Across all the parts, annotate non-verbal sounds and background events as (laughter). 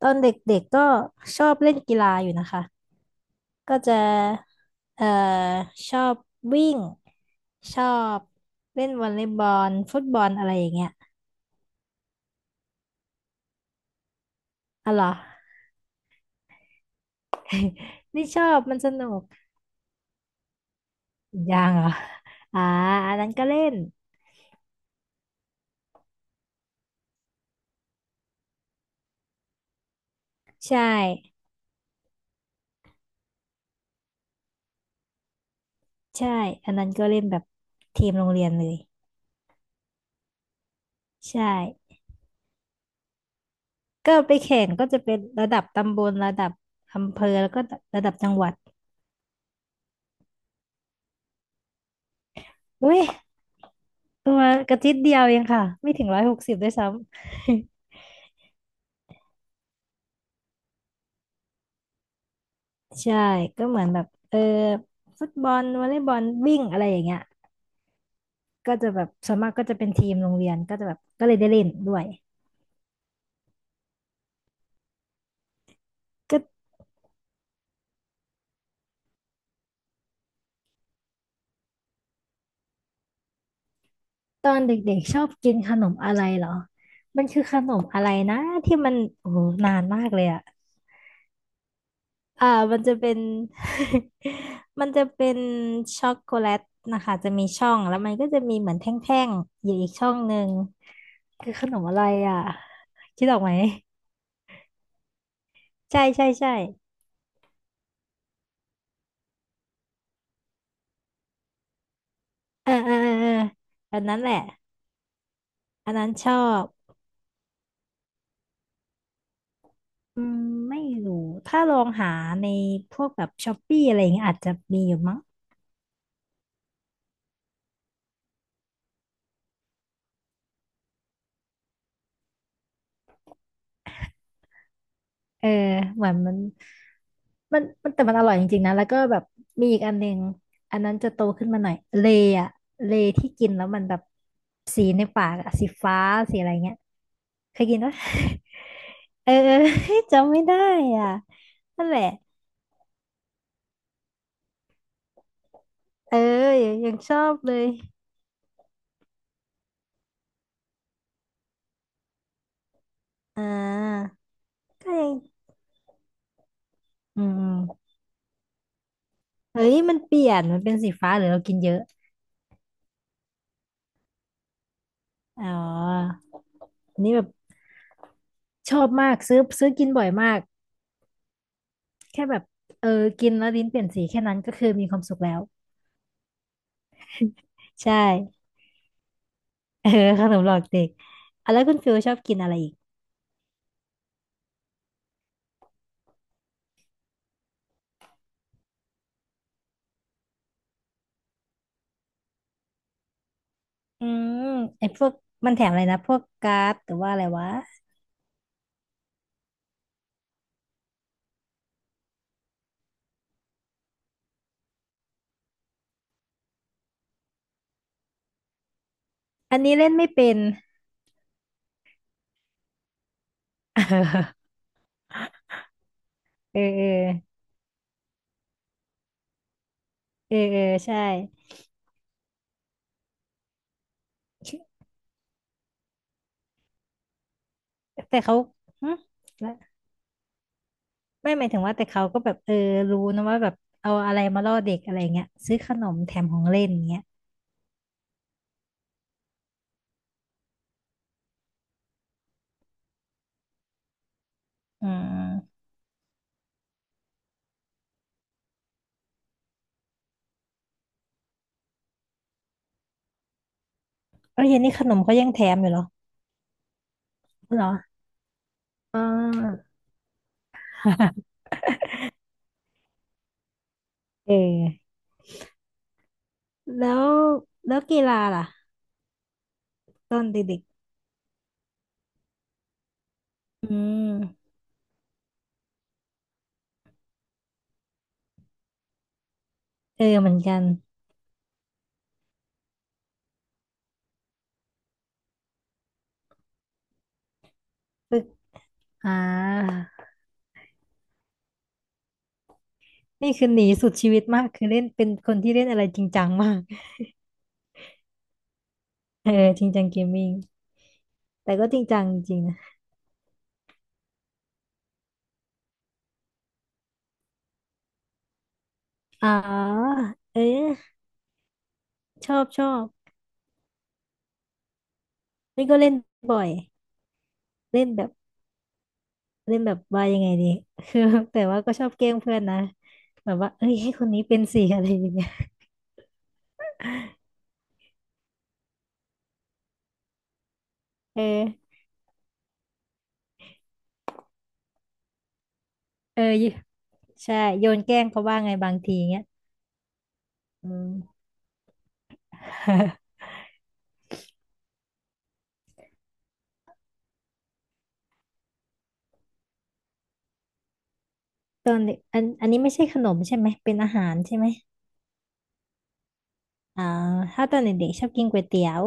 ตอนเด็กๆก็ชอบเล่นกีฬาอยู่นะคะ ก็จะเอ่อชอบวิ่งชอบเล่นวอลเลย์บอลฟุตบอลอะไรอย่างเงี้ยอ๋อเหรอ (laughs) นี่ชอบมันสนุกยังเหรออ่าอันนั้นก็เล่นใช่ใช่อันนั้นก็เล่นแบบทีมโรงเรียนเลยใช่ก็ไปแข่งก็จะเป็นระดับตำบลระดับอำเภอแล้วก็ระดับจังหวัดอุ้ยตัวกระติดเดียวเองค่ะไม่ถึง160ด้วยซ้ำ ใช่ก็เหมือนแบบเออฟุตบอลวอลเลย์บอลวิ่งอะไรอย่างเงี้ยก็จะแบบส่วนมากก็จะเป็นทีมโรงเรียนก็จะแบบก็เลยได้เล่นด้วยก็ตอนเด็กๆชอบกินขนมอะไรเหรอมันคือขนมอะไรนะที่มันโอ้โหนานมากเลยอ่ะอ่ามันจะเป็น (laughs) มันจะเป็นช็อกโกแลตนะคะจะมีช่องแล้วมันก็จะมีเหมือนแท่งๆอยู่อีกช่องหนึ่งคือขนมอะไรอ่ะคิดออกไหมใช่ใช่ใช่เออเออเออเอออันนั้นแหละ อันนั้นชอบอืมไม่รู้ถ้าลองหาในพวกแบบช้อปปี้อะไรอย่างเงี้ยอาจจะมีอยู่มั้งเออเหมือนมันมันแต่มันอร่อยจริงๆนะ แล้วก็แบบมีอีกอันหนึงอันนั้นจะโตขึ้นมาหน่อยเลอะเลที่กินแล้วมันแบบสีในปากอะสีฟ้า สีอะไรเงี้ยเคยกินปะ (laughs) เออ (laughs) เออ (laughs) จำไม่ได้อ่ะนั่นแหละ เออยังยังชอบเลยอ่าก็ยังอืม เฮ้ยมันเปลี่ยนมันเป็นสีฟ้าหรือเรากินเยอะอ๋ออันนี้แบบชอบมากซื้อซื้อกินบ่อยมากแค่แบบเออกินแล้วลิ้นเปลี่ยนสีแค่นั้นก็คือมีความสุขแล้วใช่เออขนมหลอกเด็กอ่ะแล้วคุณฟิลชอบกินอะไรอีกอืมไอ้พวกมันแถมอะไรนะพวกการ์ดหรือว่าอะไรวะอันนี้เล่นไม่เป็น (laughs) เออเออเออเออเออใช่แต่เขาหึแล้ว ไม่หมายถึงว่าแต่เขาก็แบบเออรู้นะว่าแบบเอาอะไรมาล่อเด็กอะไรเงี้ยซื้อขนมแถมของเล่นเงี้ยอืมเอ้ยอันนี่ขนมก็ยังแถมอยู่เหรอเหรออ่า (laughs) เออแล้วกีฬาล่ะตอนเด็กๆอืมเออเหมือนกันฝึกอ่านี่คือหนีสุดชีวิตมากคือเล่นเป็นคนที่เล่นอะไรจริงจังมาก (laughs) เออจริงจังเกมมิ่งแต่ก็จริงจังจริงนะอ๋อเออชอบชอบนี่ก็เล่นบ่อยเล่นแบบ เล่นแบบว่ายังไงดี (laughs) คือแต่ว่าก็ชอบแกล้งเพื่อนนะแบบว่าเอ้ยให้คนนี้เป็นสิอะไรอย่างเงี้ยเออเออใช่โยนแกล้งเขาว่าไงบางทีเงี้ยอืม (laughs) ตอนเด็กอันอันนี้ไม่ใช่ขนมใช่ไหมเป็นอาหารใช่ไหมอ่าถ้าตอนเด็กๆชอบกินก๋วยเตี๋ยว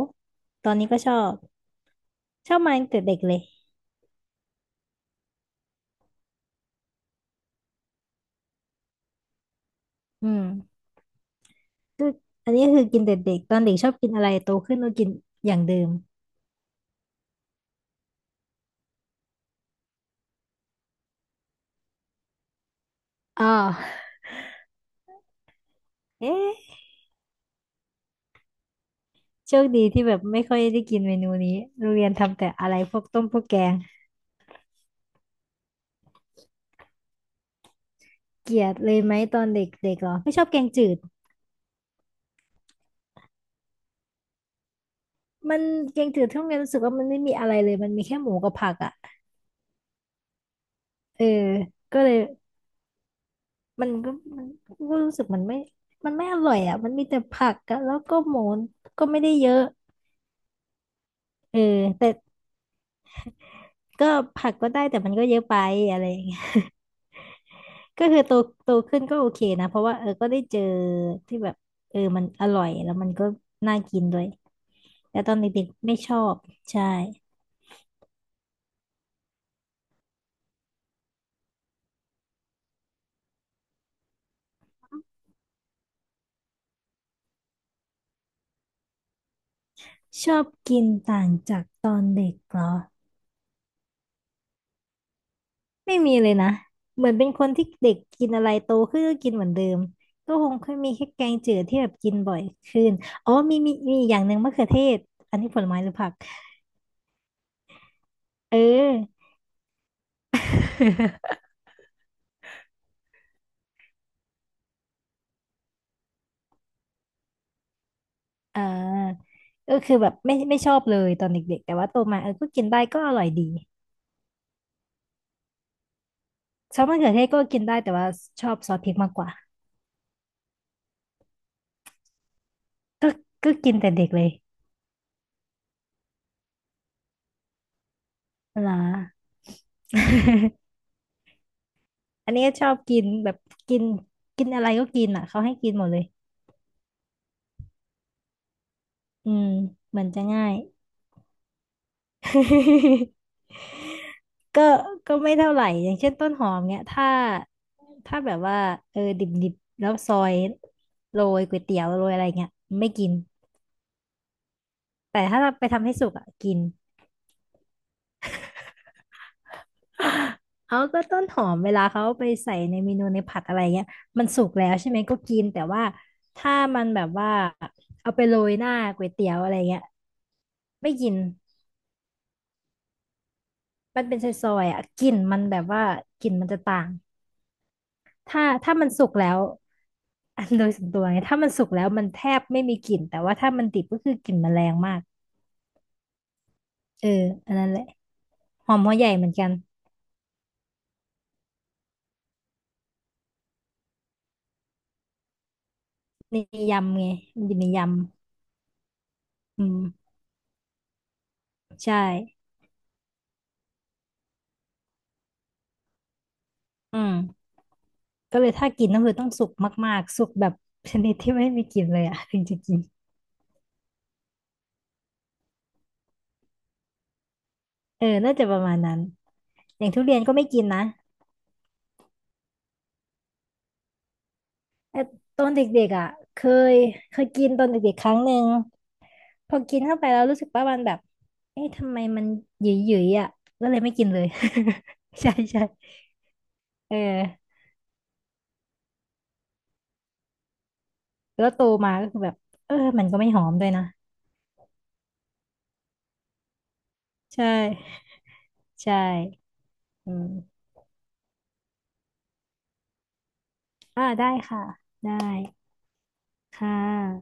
ตอนนี้ก็ชอบชอบมาตั้งแต่เด็กเลยอืมก็อันนี้คือกินแต่เด็กตอนเด็กชอบกินอะไรโตขึ้นก็กินอย่างเดิมอ๋อเอ๊ะโชคดีที่แบบไม่ค่อยได้กินเมนูนี้โรงเรียนทำแต่อะไรพวกต้มพวกแกง เกลียดเลยไหมตอนเด็กๆเหรอไม่ชอบแกงจืดมันแกงจืดที่โรงเรียนรู้สึกว่ามันไม่มีอะไรเลยมันมีแค่หมูกับผักอ่ะเออก็เลยมันก็มันรู้สึกมันไม่มันไม่อร่อยอ่ะมันมีแต่ผักอะแล้วก็หมูก็ไม่ได้เยอะเออแต่ก็ผักก็ได้แต่มันก็เยอะไปอะไรอย่างเงี้ยก็คือโตโตขึ้นก็โอเคนะเพราะว่าเออก็ได้เจอที่แบบเออมันอร่อยแล้วมันก็น่ากินด้วยแต่ตอนเด็กๆไม่ชอบใช่ชอบกินต่างจากตอนเด็กเหรอ ไม่มีเลยนะ เหมือนเป็นคนที่เด็กกินอะไรโตขึ้นก็กินเหมือนเดิมก็คงเคยมีแค่แกงจืดที่แบบกินบ่อยขึ้นอ๋อมีมีอีกอย่างหนึ่งมะเขือเทศอันนี้ผลไม้หรือผักเออ (laughs) อ่าก็คือแบบไม่ชอบเลยตอนเด็กๆแต่ว่าโตมาเออก็กินได้ก็อร่อยดี ชอบมะเขือเทศก็กินได้แต่ว่าชอบซอสพริกมากกว่า ก็กินแต่เด็กเลยเหรออันนี้ก็ชอบกินแบบกินกินอะไรก็กินอ่ะเขาให้กินหมดเลยอืมเหมือนจะง่าย (laughs) ก็ไม่เท่าไหร่อย่างเช่นต้นหอมเนี้ยถ้าแบบว่าเออดิบดิบแล้วซอยโรยก๋วยเตี๋ยวโรยอะไรเงี้ยไม่กินแต่ถ้าเราไปทำให้สุกอ่ะกินเอาก็ต้นหอมเวลาเขาเอาไปใส่ในเมนูในผัดอะไรเงี้ยมันสุกแล้วใช่ไหมก็กินแต่ว่าถ้ามันแบบว่าเอาไปโรยหน้าก๋วยเตี๋ยวอะไรเงี้ยไม่กินมันเป็นซอยๆอ่ะกลิ่นมันแบบว่ากลิ่นมันจะต่าง ถ้ามันสุกแล้ว (laughs) อันโดยส่วนตัวไงถ้ามันสุกแล้วมันแทบไม่มีกลิ่นแต่ว่าถ้ามันดิบก็คือกลิ่นมันแรงมากเอออันนั้นแหละหอมหัวใหญ่เหมือนกันในยำไงมันอยู่ในยำอืมใช่อืมก็เลยถ้ากินก็คือต้องสุกมากๆสุกแบบชนิดที่ไม่มีกลิ่นเลยอะ (laughs) ถึงจะกินเออน่าจะประมาณนั้นอย่างทุเรียนก็ไม่กินนะแตตอนเด็กๆอ่ะเคยเคยกินตอนเด็กๆครั้งหนึ่ง พอกินเข้าไปแล้วรู้สึกว่ามันแบบเอ๊ะทำไมมันหยุยหยๆอ่ะก็เลยไม่กินเลย (laughs) ใช่ใช่เออ แล้วโตมาก็คือแบบ เออ มันก็ไม่หอมด้วยนะ ใช่ใช่อืมอ่าได้ค่ะ ได้ค่ะ